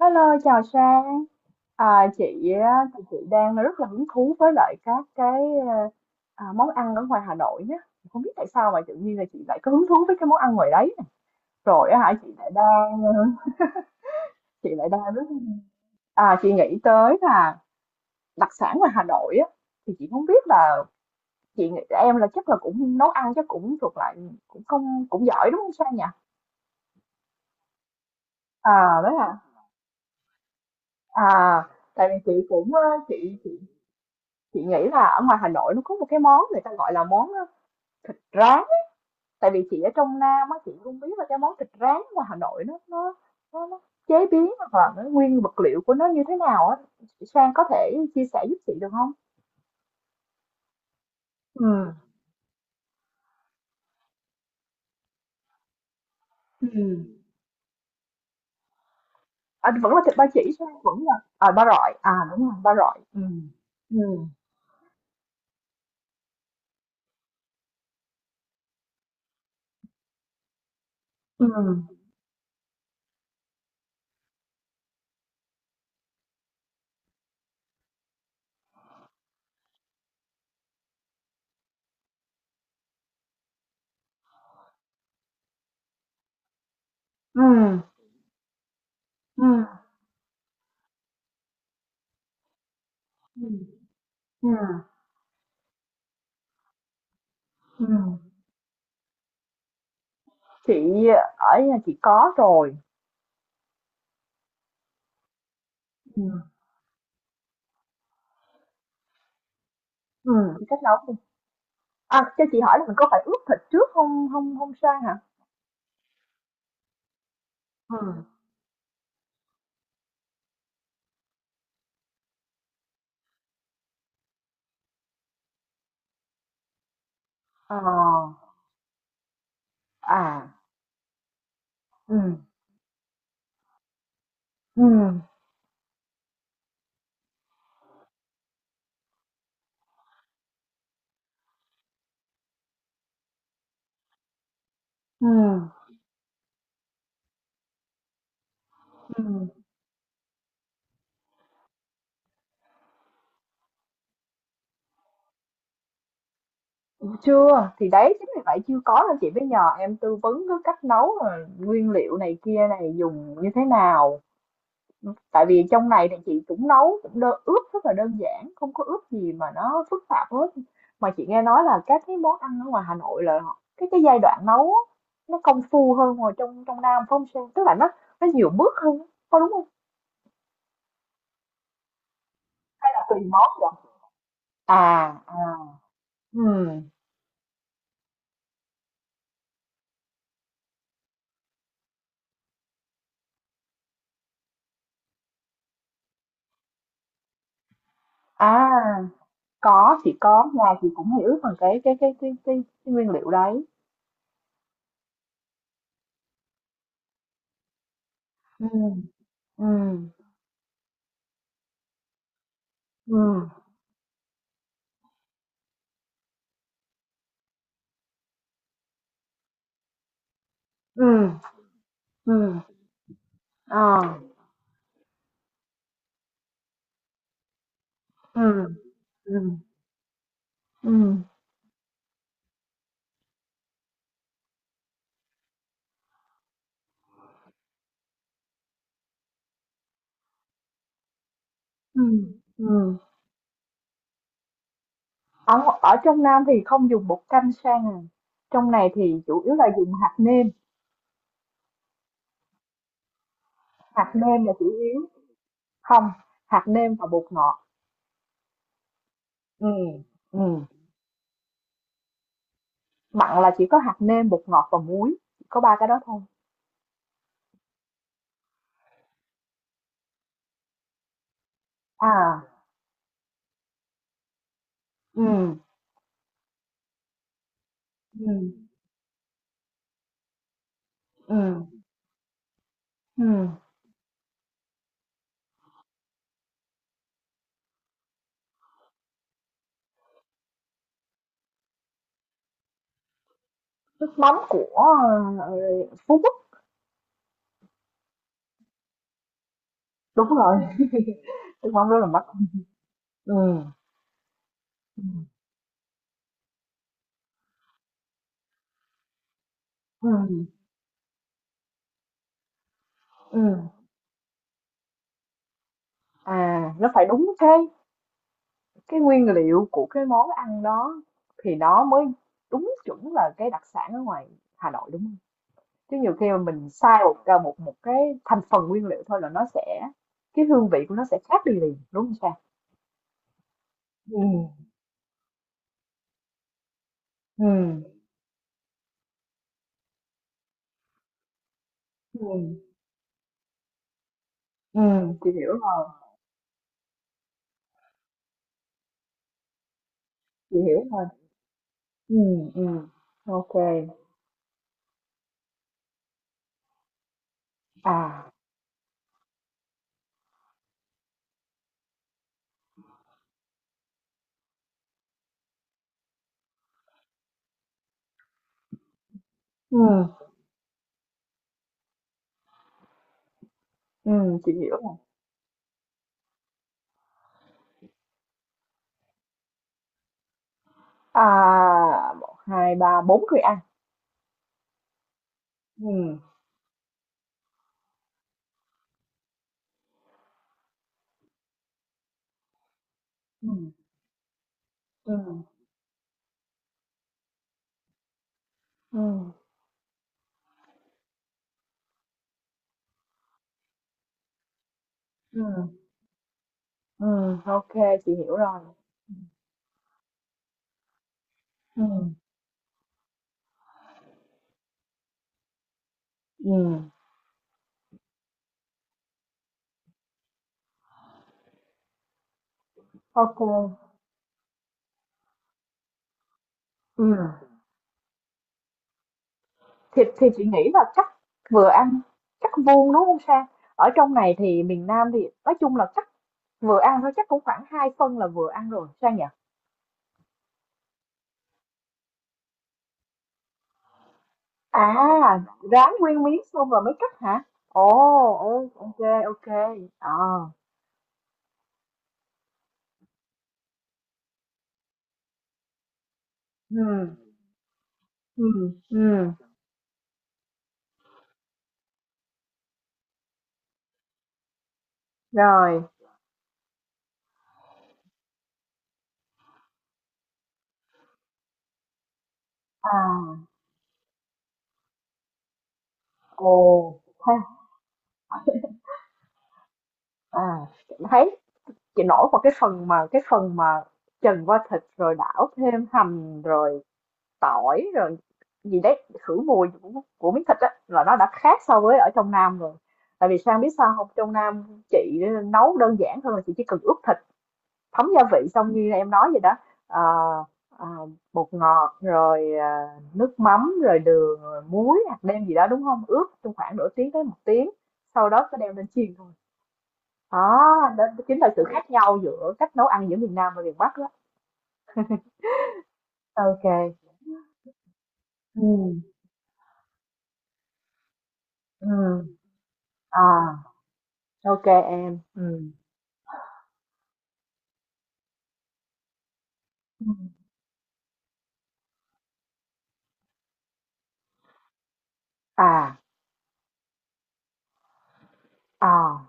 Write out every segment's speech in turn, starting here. Hello, chào Sang. À, chị á, thì chị đang rất là hứng thú với lại các cái ờ, món ăn ở ngoài Hà Nội nhé. Không biết tại sao mà tự nhiên là chị lại có hứng thú với cái món ăn ngoài đấy. Rồi á hả, chị lại đang rất à, chị nghĩ tới là đặc sản ngoài Hà Nội á, thì chị không biết là chị nghĩ em là chắc là cũng nấu ăn, chắc cũng thuộc lại cũng không cũng giỏi, đúng không Sang nhỉ? À đấy à. À, tại vì chị cũng ờ, chị chị Chị nghĩ là ở ngoài Hà Nội nó có một cái món người ta gọi là món, rán. Tại vì chị ở trong Nam á, chị không biết là cái món thịt rán ngoài Hà Nội nó chế biến hoặc là cái nguyên vật liệu của nó như thế nào á. Chị Sang có thể chia sẻ giúp chị được không? Ừ, ừ. À, vẫn là thịt ba chỉ Sang, vẫn là, à, ba rọi, à, đúng rồi, ba rọi, Ừ. Ừ. Ừ. Ừ. Ừm. Ừm. Ừm. Ừm. Chị Ở nhà chị có rồi. Ừ. Ừm. Chị cách nấu À, cho chị hỏi là mình có phải ướp thịt trước không không không Sang hả? Ừ. Ờ. À. Ừ. Ừ. Ừ. Ừm, chưa, thì đấy, chính vì vậy chưa có nên chị mới nhờ em tư vấn cái cách nấu rồi nguyên liệu này kia này dùng như thế nào. Tại vì trong này thì chị cũng nấu cũng đơn, ướp rất là đơn giản, không có ướp gì mà nó phức tạp hết. Mà chị nghe nói là các cái món ăn ở ngoài Hà Nội là họ cái giai đoạn nấu á, nó công phu hơn ngoài trong trong Nam, phải hông Sang? Tức là nó nhiều bước hơn, có đúng không? Hay là tùy món vậy? À. À. Ừm. À, có, chị có, nhà chị cũng hiểu về cái cái nguyên liệu đấy. Ừm. Ừm. Ừm. Ừm. Ừm. Ờ. Ừm. Ừm. Ừm. Ừm. Ừm. Ở, ở trong Nam thì không dùng bột canh Sang à. Trong này thì chủ yếu là dùng hạt nêm là chủ yếu. Không, hạt nêm và bột ngọt. Ừm. Ừm. Mặn là chỉ có hạt nêm, bột ngọt và muối, chỉ có ba cái đó thôi. À. Ừ. Ừ. Ừ. Ừ. Nước mắm của, ờ, Phú Quốc. Đúng rồi, nước mắm rất là mắc. Ừ. Ừ. Ừ. À, nó phải đúng cái nguyên liệu của cái món ăn đó thì nó mới đúng chuẩn là cái đặc sản ở ngoài Hà Nội, đúng không? Chứ nhiều khi mà mình sai một cái một một cái thành phần nguyên liệu thôi là nó sẽ, cái hương vị của nó sẽ khác đi liền, đúng không Sang? Ừm. Ừ. Ừ. Ừ. Chị hiểu rồi, chị hiểu rồi. Ừm. Ừm. Ô. À. Ừm. Ừm. Chị hiểu rồi. À, một hai ba bốn người ăn. Ừm. Ừm. Ừm. Ừm. Ừm. Ừm. Ô, chị hiểu rồi. Ừm. Ừm. Ô kê, thì chị nghĩ là chắc vừa ăn, chắc vuông, đúng không Sang? Ở trong này thì miền Nam thì nói chung là chắc vừa ăn thôi, chắc cũng khoảng 2 phân là vừa ăn rồi, Sang nhỉ? À, rán nguyên miếng xong rồi mới cắt hả? Ồ. Ô, ok, ok. Ờ. Ừ. Ừm. Ừm. Rồi. À. Ồ, ha. À, thấy chị nổi vào cái phần mà trần qua thịt rồi đảo thêm hành rồi tỏi rồi gì đấy khử mùi của miếng thịt á là nó đã khác so với ở trong Nam rồi. Tại vì Sang biết sao không? Trong Nam chị nấu đơn giản hơn là chị chỉ cần ướp thịt, thấm gia vị xong như em nói vậy đó, ờ, ờ, bột ngọt rồi, nước mắm, rồi đường, rồi muối, hạt nêm gì đó, đúng không? Ướp trong khoảng nửa tiếng tới một tiếng, sau đó sẽ đem lên chiên thôi. Đó, đó chính là sự khác nhau giữa cách nấu ăn giữa miền Nam và miền Bắc đó. OK. Ừm. Ừm. À. OK em. Ừm. À. À.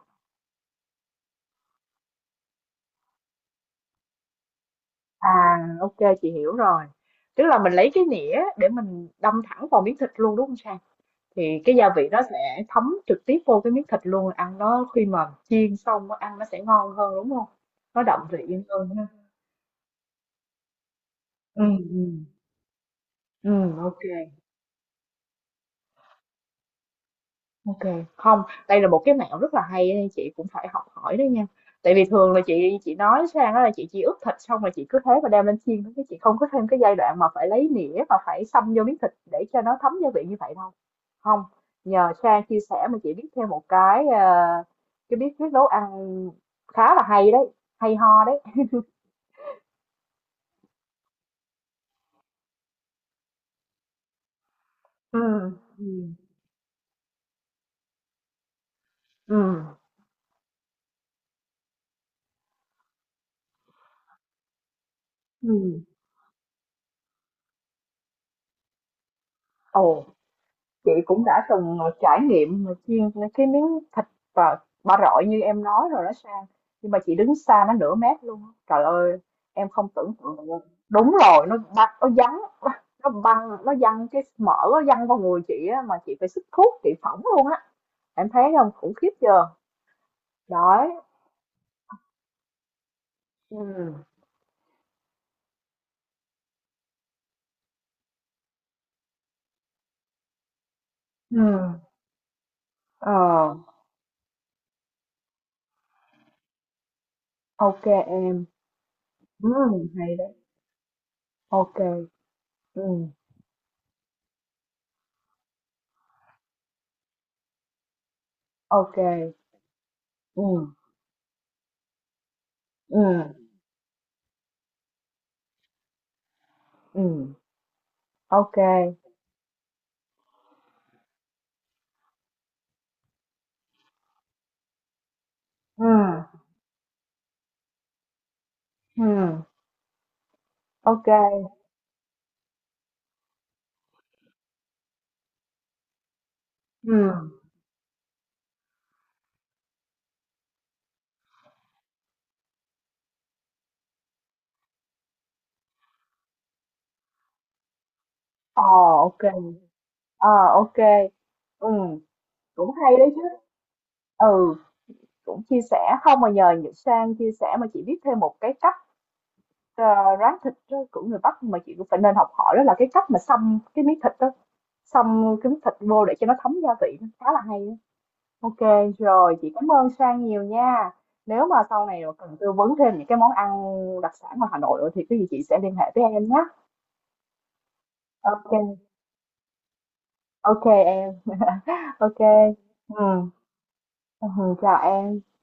À. OK, chị hiểu rồi. Tức là mình lấy cái nĩa để mình đâm thẳng vào miếng thịt luôn, đúng không Sang? Thì cái gia vị nó sẽ thấm trực tiếp vô cái miếng thịt luôn, ăn nó khi mà chiên xong nó ăn nó sẽ ngon hơn, đúng không? Nó đậm vị hơn ha. Ừ. Ừ. Ừ. OK. Ok, không, đây là một cái mẹo rất là hay á, chị cũng phải học hỏi đó nha. Tại vì thường là chị nói Sang đó là chị chỉ ướp thịt xong rồi chị cứ thế mà đem lên chiên thôi, chứ chị không có thêm cái giai đoạn mà phải lấy nĩa mà phải xông vô miếng thịt để cho nó thấm gia vị như vậy đâu. Không, nhờ Sang chia sẻ mà chị biết thêm một cái, cái bí quyết nấu ăn khá là hay đấy, hay ho đấy. Ừ. Ừ. Ừ. Ừ. Ồ. Chị cũng đã từng, trải nghiệm mà chiên cái miếng thịt và ba rọi như em nói rồi đó Sang, nhưng mà chị đứng xa nó nửa mét luôn á. Trời ơi, em không tưởng tượng được luôn. Đúng rồi, nó băng nó vắn, nó băng nó văng cái mỡ, nó văng vào người chị á mà chị phải sức thuốc, chị phỏng luôn á. Em thấy không, khủng khiếp chưa? Đấy. Ừ. Ừ. Ờ. OK em. Ừ. Hay đấy. OK. Ừ. OK. Ừ. Ừ. Ừ. OK. Ừ. Ừ, OK. Ừ. Ờ, OK. Ờ, OK. Ừ. Cũng hay đấy chứ. Ừ, cũng chia sẻ. Không mà nhờ Nhật Sang chia sẻ mà chị biết thêm một cái cách, ờ, rán thịt á, của người Bắc mà chị cũng phải nên học hỏi, đó là cái cách mà xông cái miếng thịt đó, xông cái miếng thịt vô để cho nó thấm gia vị, nó khá là hay á. OK, rồi chị cảm ơn Sang nhiều nha. Nếu mà sau này mà cần tư vấn thêm những cái món ăn đặc sản ngoài Hà Nội nữa thì cái gì chị sẽ liên hệ với em nhé. OK. OK em. OK. Ừm. Ừm, chào em.